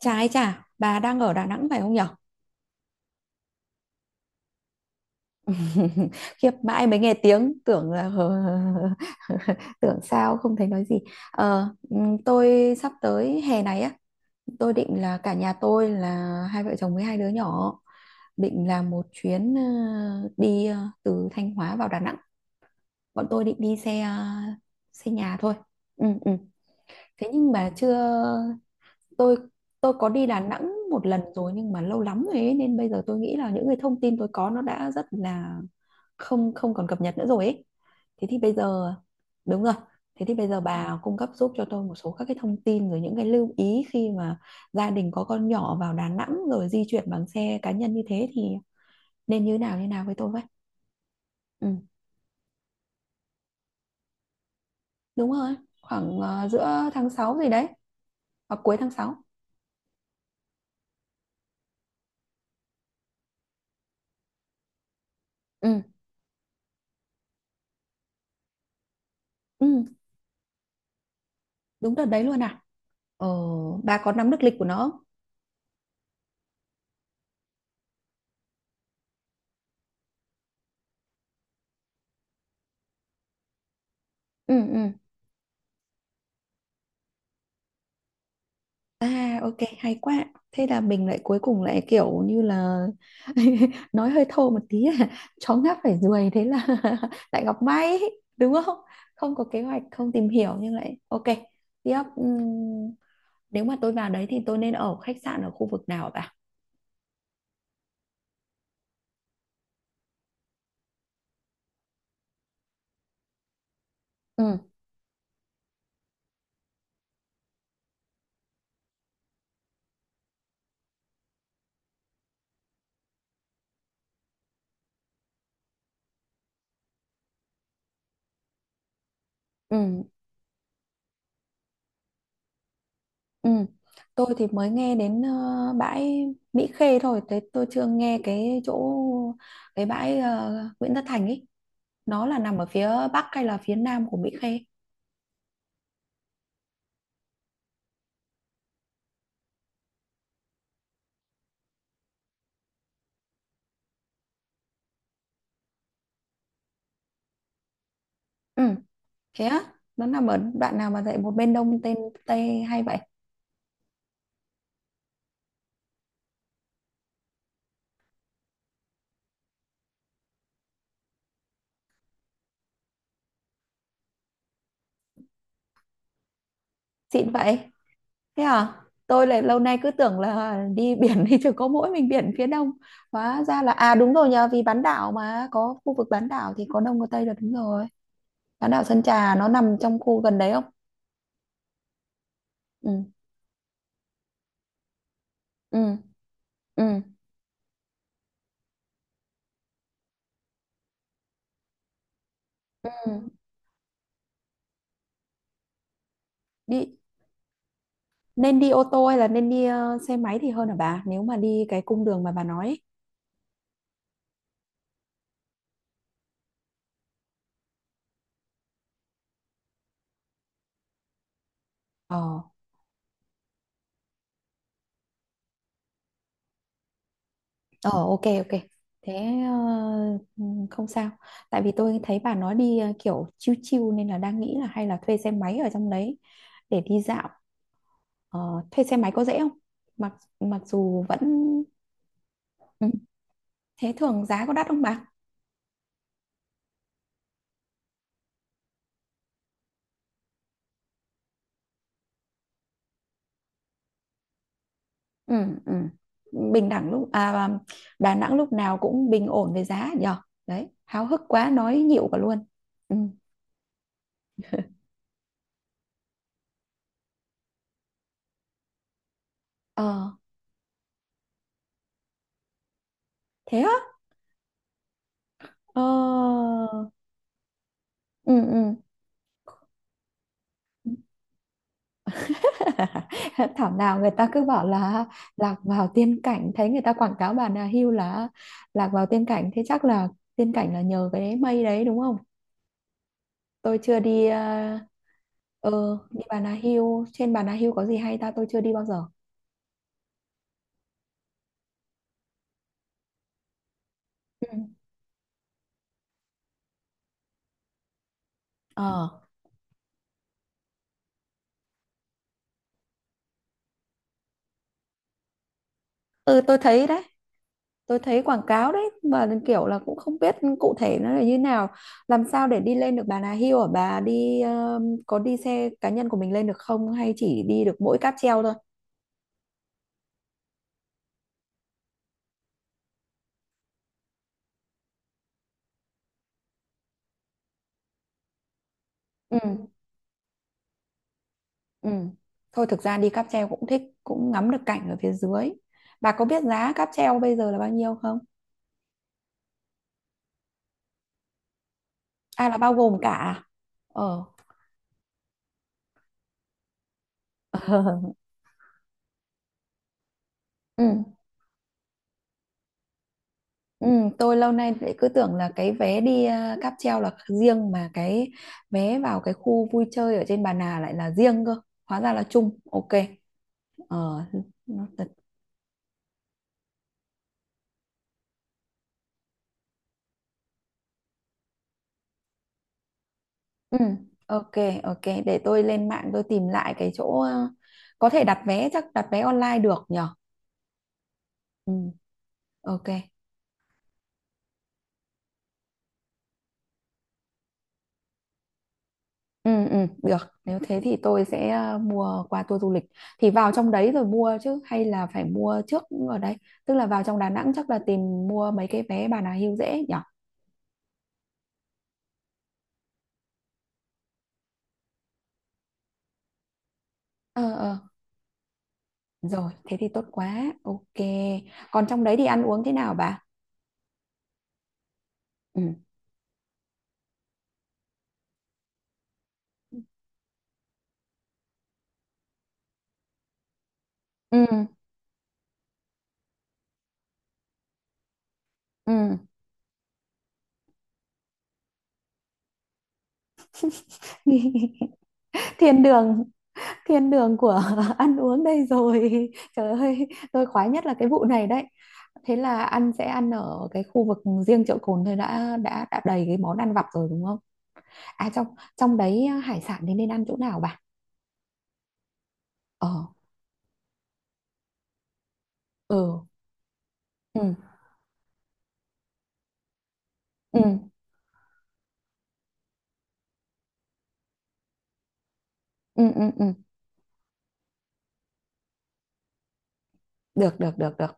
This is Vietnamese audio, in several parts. Trái chả, bà đang ở Đà Nẵng phải không nhở? Khiếp, mãi mới nghe tiếng, tưởng là tưởng sao không thấy nói gì. Ờ, tôi sắp tới hè này á, tôi định là cả nhà tôi là hai vợ chồng với hai đứa nhỏ định làm một chuyến, đi, từ Thanh Hóa vào Đà Nẵng. Bọn tôi định đi xe nhà thôi. Ừ, ừ. Thế nhưng mà chưa. Tôi tôi có đi Đà Nẵng một lần rồi nhưng mà lâu lắm rồi ấy, nên bây giờ tôi nghĩ là những cái thông tin tôi có nó đã rất là không không còn cập nhật nữa rồi ấy. Thế thì bây giờ đúng rồi. Thế thì bây giờ bà cung cấp giúp cho tôi một số các cái thông tin rồi những cái lưu ý khi mà gia đình có con nhỏ vào Đà Nẵng rồi di chuyển bằng xe cá nhân như thế thì nên như nào với tôi vậy? Ừ, đúng rồi, khoảng giữa tháng 6 gì đấy, hoặc cuối tháng 6. Ừ, ừ, đúng đợt đấy luôn à? Ồ, bà có nắm được lịch của nó không? Ừ, ừ. À, ok, hay quá. Thế là mình lại cuối cùng lại kiểu như là nói hơi thô một tí, à, chó ngáp phải ruồi. Thế là lại gặp may. Đúng không? Không có kế hoạch, không tìm hiểu, nhưng lại ok. Tiếp, nếu mà tôi vào đấy thì tôi nên ở khách sạn ở khu vực nào hả bà? Ừ, ừ, ừ. Tôi thì mới nghe đến bãi Mỹ Khê thôi. Thế tôi chưa nghe cái chỗ. Cái bãi Nguyễn Tất Thành ấy, nó là nằm ở phía bắc hay là phía nam của Mỹ Khê? Ừ, thế á, nó nằm ở đoạn nào mà dạy một bên đông, tên tây hay vậy? Xịn vậy? Thế à? Tôi lại lâu nay cứ tưởng là đi biển thì chỉ có mỗi mình biển phía đông, hóa ra là, à đúng rồi nhờ, vì bán đảo, mà có khu vực bán đảo thì có đông có tây là đúng rồi. Bán đảo Sơn Trà nó nằm trong khu gần đấy không? Ừ, ừ, ừ, ừ, đi. Nên đi ô tô hay là nên đi xe máy thì hơn hả bà, nếu mà đi cái cung đường mà bà nói ấy? Ờ, Ờ ok, ok. Thế ờ, ừ, không sao, tại vì tôi thấy bà nói đi kiểu chill chill nên là đang nghĩ là hay là thuê xe máy ở trong đấy để đi dạo. Ờ, thuê xe máy có dễ không? Mặc mặc dù vẫn. Ừ. Thế thường giá có đắt không bà? Ừ, ừ. Bình đẳng lúc, Đà Nẵng lúc nào cũng bình ổn về giá nhờ. Đấy, háo hức quá nói nhiều cả luôn. Ừ. Ờ. Thế á? Ờ. Ừ, ừ. Thảo nào người ta cứ bảo là lạc vào tiên cảnh, thấy người ta quảng cáo bàn hưu là lạc vào tiên cảnh. Thế chắc là tiên cảnh là nhờ cái mây đấy đúng không? Tôi chưa đi. Ờ ừ, đi Bà Nà Hills, trên Bà Nà Hills có gì hay ta, tôi chưa đi bao giờ. Ừ. Ờ. Ừ, tôi thấy đấy. Tôi thấy quảng cáo đấy mà kiểu là cũng không biết cụ thể nó là như nào. Làm sao để đi lên được Bà Nà Hills ở, bà đi có đi xe cá nhân của mình lên được không hay chỉ đi được mỗi cáp treo thôi? Ừ. Ừ. Thôi thực ra đi cáp treo cũng thích, cũng ngắm được cảnh ở phía dưới. Bà có biết giá cáp treo bây giờ là bao nhiêu không? À là bao gồm cả, à? Ờ. Ừ. Ừ. Tôi lâu nay lại cứ tưởng là cái vé đi cáp treo là riêng, mà cái vé vào cái khu vui chơi ở trên Bà Nà lại là riêng cơ. Hóa ra là chung. Ok. Ờ. Nó thật. Ừ. Ok, ok. Để tôi lên mạng tôi tìm lại cái chỗ, có thể đặt vé, chắc đặt vé online được nhở? Ừ. Ok. Ừ, ừ, được. Nếu thế thì tôi sẽ mua qua tour du lịch. Thì vào trong đấy rồi mua chứ hay là phải mua trước ở đây? Tức là vào trong Đà Nẵng chắc là tìm mua mấy cái vé Bà Nà Hưu dễ nhỉ? Ờ, ờ. Rồi, thế thì tốt quá. Ok. Còn trong đấy thì ăn uống thế nào bà? Ừ. Ừ, ừ. Thiên đường. Thiên đường của ăn uống đây rồi. Trời ơi, tôi khoái nhất là cái vụ này đấy. Thế là ăn sẽ ăn ở cái khu vực riêng chợ Cồn thôi đã đầy cái món ăn vặt rồi đúng không? À, trong trong đấy, à, hải sản thì nên ăn chỗ nào bà? Ờ. Ừ, ừ, ừ, ừ, ừ, ừ. Được, được, được, được.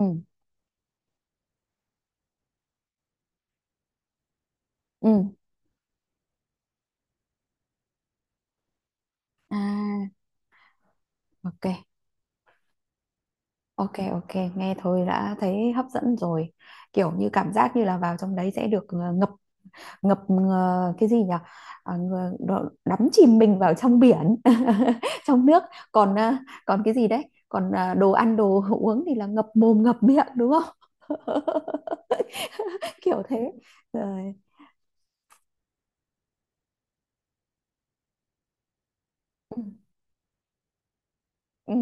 Ừ, ừ. À, ok, ok, ok, nghe thôi đã thấy hấp dẫn rồi, kiểu như cảm giác như là vào trong đấy sẽ được ngập, cái gì nhỉ, à, đắm chìm mình vào trong biển trong nước. Còn à, còn cái gì đấy, còn đồ ăn, đồ uống thì là ngập mồm ngập miệng đúng không kiểu thế. Rồi. Ừ. Ừ.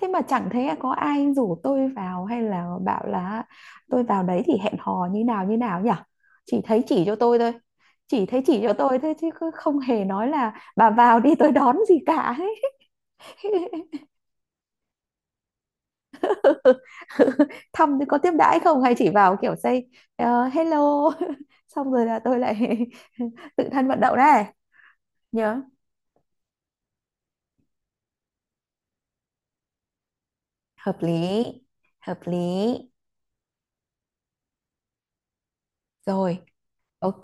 Thế mà chẳng thấy có ai rủ tôi vào hay là bảo là tôi vào đấy thì hẹn hò như nào nhỉ, chỉ thấy chỉ cho tôi thôi. Chỉ thấy chỉ cho tôi thế chứ không hề nói là bà vào đi tôi đón gì cả ấy. thăm thì có tiếp đãi không hay chỉ vào kiểu say hello xong rồi là tôi lại tự thân vận động đấy. Nhớ. Hợp lý, hợp lý. Rồi, ok.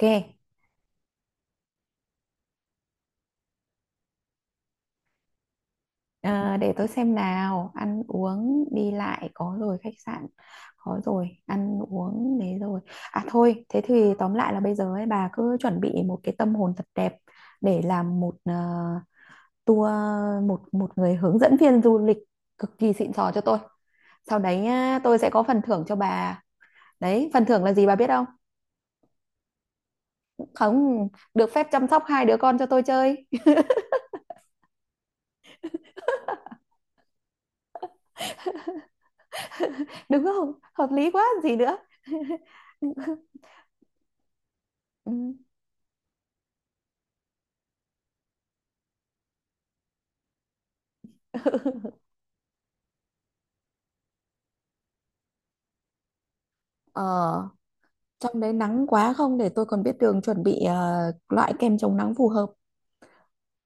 Ờ, để tôi xem nào, ăn uống đi lại có rồi, khách sạn có rồi, ăn uống đấy rồi. À thôi, thế thì tóm lại là bây giờ ấy bà cứ chuẩn bị một cái tâm hồn thật đẹp để làm một tour, một một người hướng dẫn viên du lịch cực kỳ xịn sò cho tôi. Sau đấy á, tôi sẽ có phần thưởng cho bà. Đấy, phần thưởng là gì bà biết không? Không, được phép chăm sóc hai đứa con cho tôi chơi. đúng không, hợp lý quá gì nữa. Ừ. Ờ, trong đấy nắng quá không, để tôi còn biết đường chuẩn bị loại kem chống nắng phù hợp,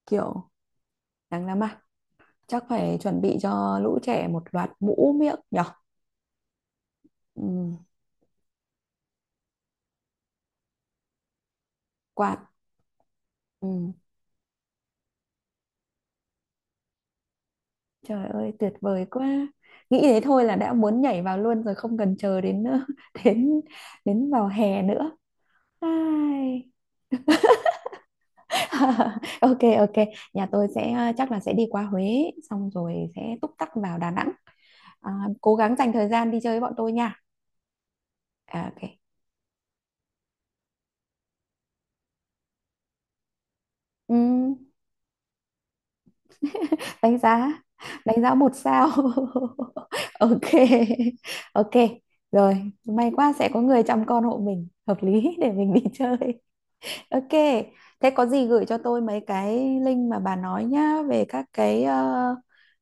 kiểu. Nắng lắm à? Chắc phải chuẩn bị cho lũ trẻ một loạt mũ miệng nhở. Ừ, quạt. Ừ. Trời ơi tuyệt vời quá. Nghĩ thế thôi là đã muốn nhảy vào luôn rồi không cần chờ đến đến đến vào hè nữa. Ai. Ok, ok, nhà tôi sẽ chắc là sẽ đi qua Huế xong rồi sẽ túc tắc vào Đà Nẵng. À, cố gắng dành thời gian đi chơi với bọn tôi nha. À, ok. Ừm, đánh giá, 1 sao. Ok. Ok. Rồi, may quá sẽ có người chăm con hộ mình, hợp lý để mình đi chơi. Ok, thế có gì gửi cho tôi mấy cái link mà bà nói nhá về các cái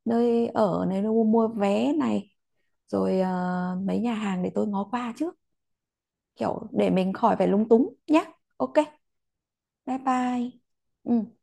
nơi ở này, nơi mua vé này, rồi mấy nhà hàng để tôi ngó qua trước, kiểu để mình khỏi phải lúng túng nhá. Ok, bye bye. Ừ.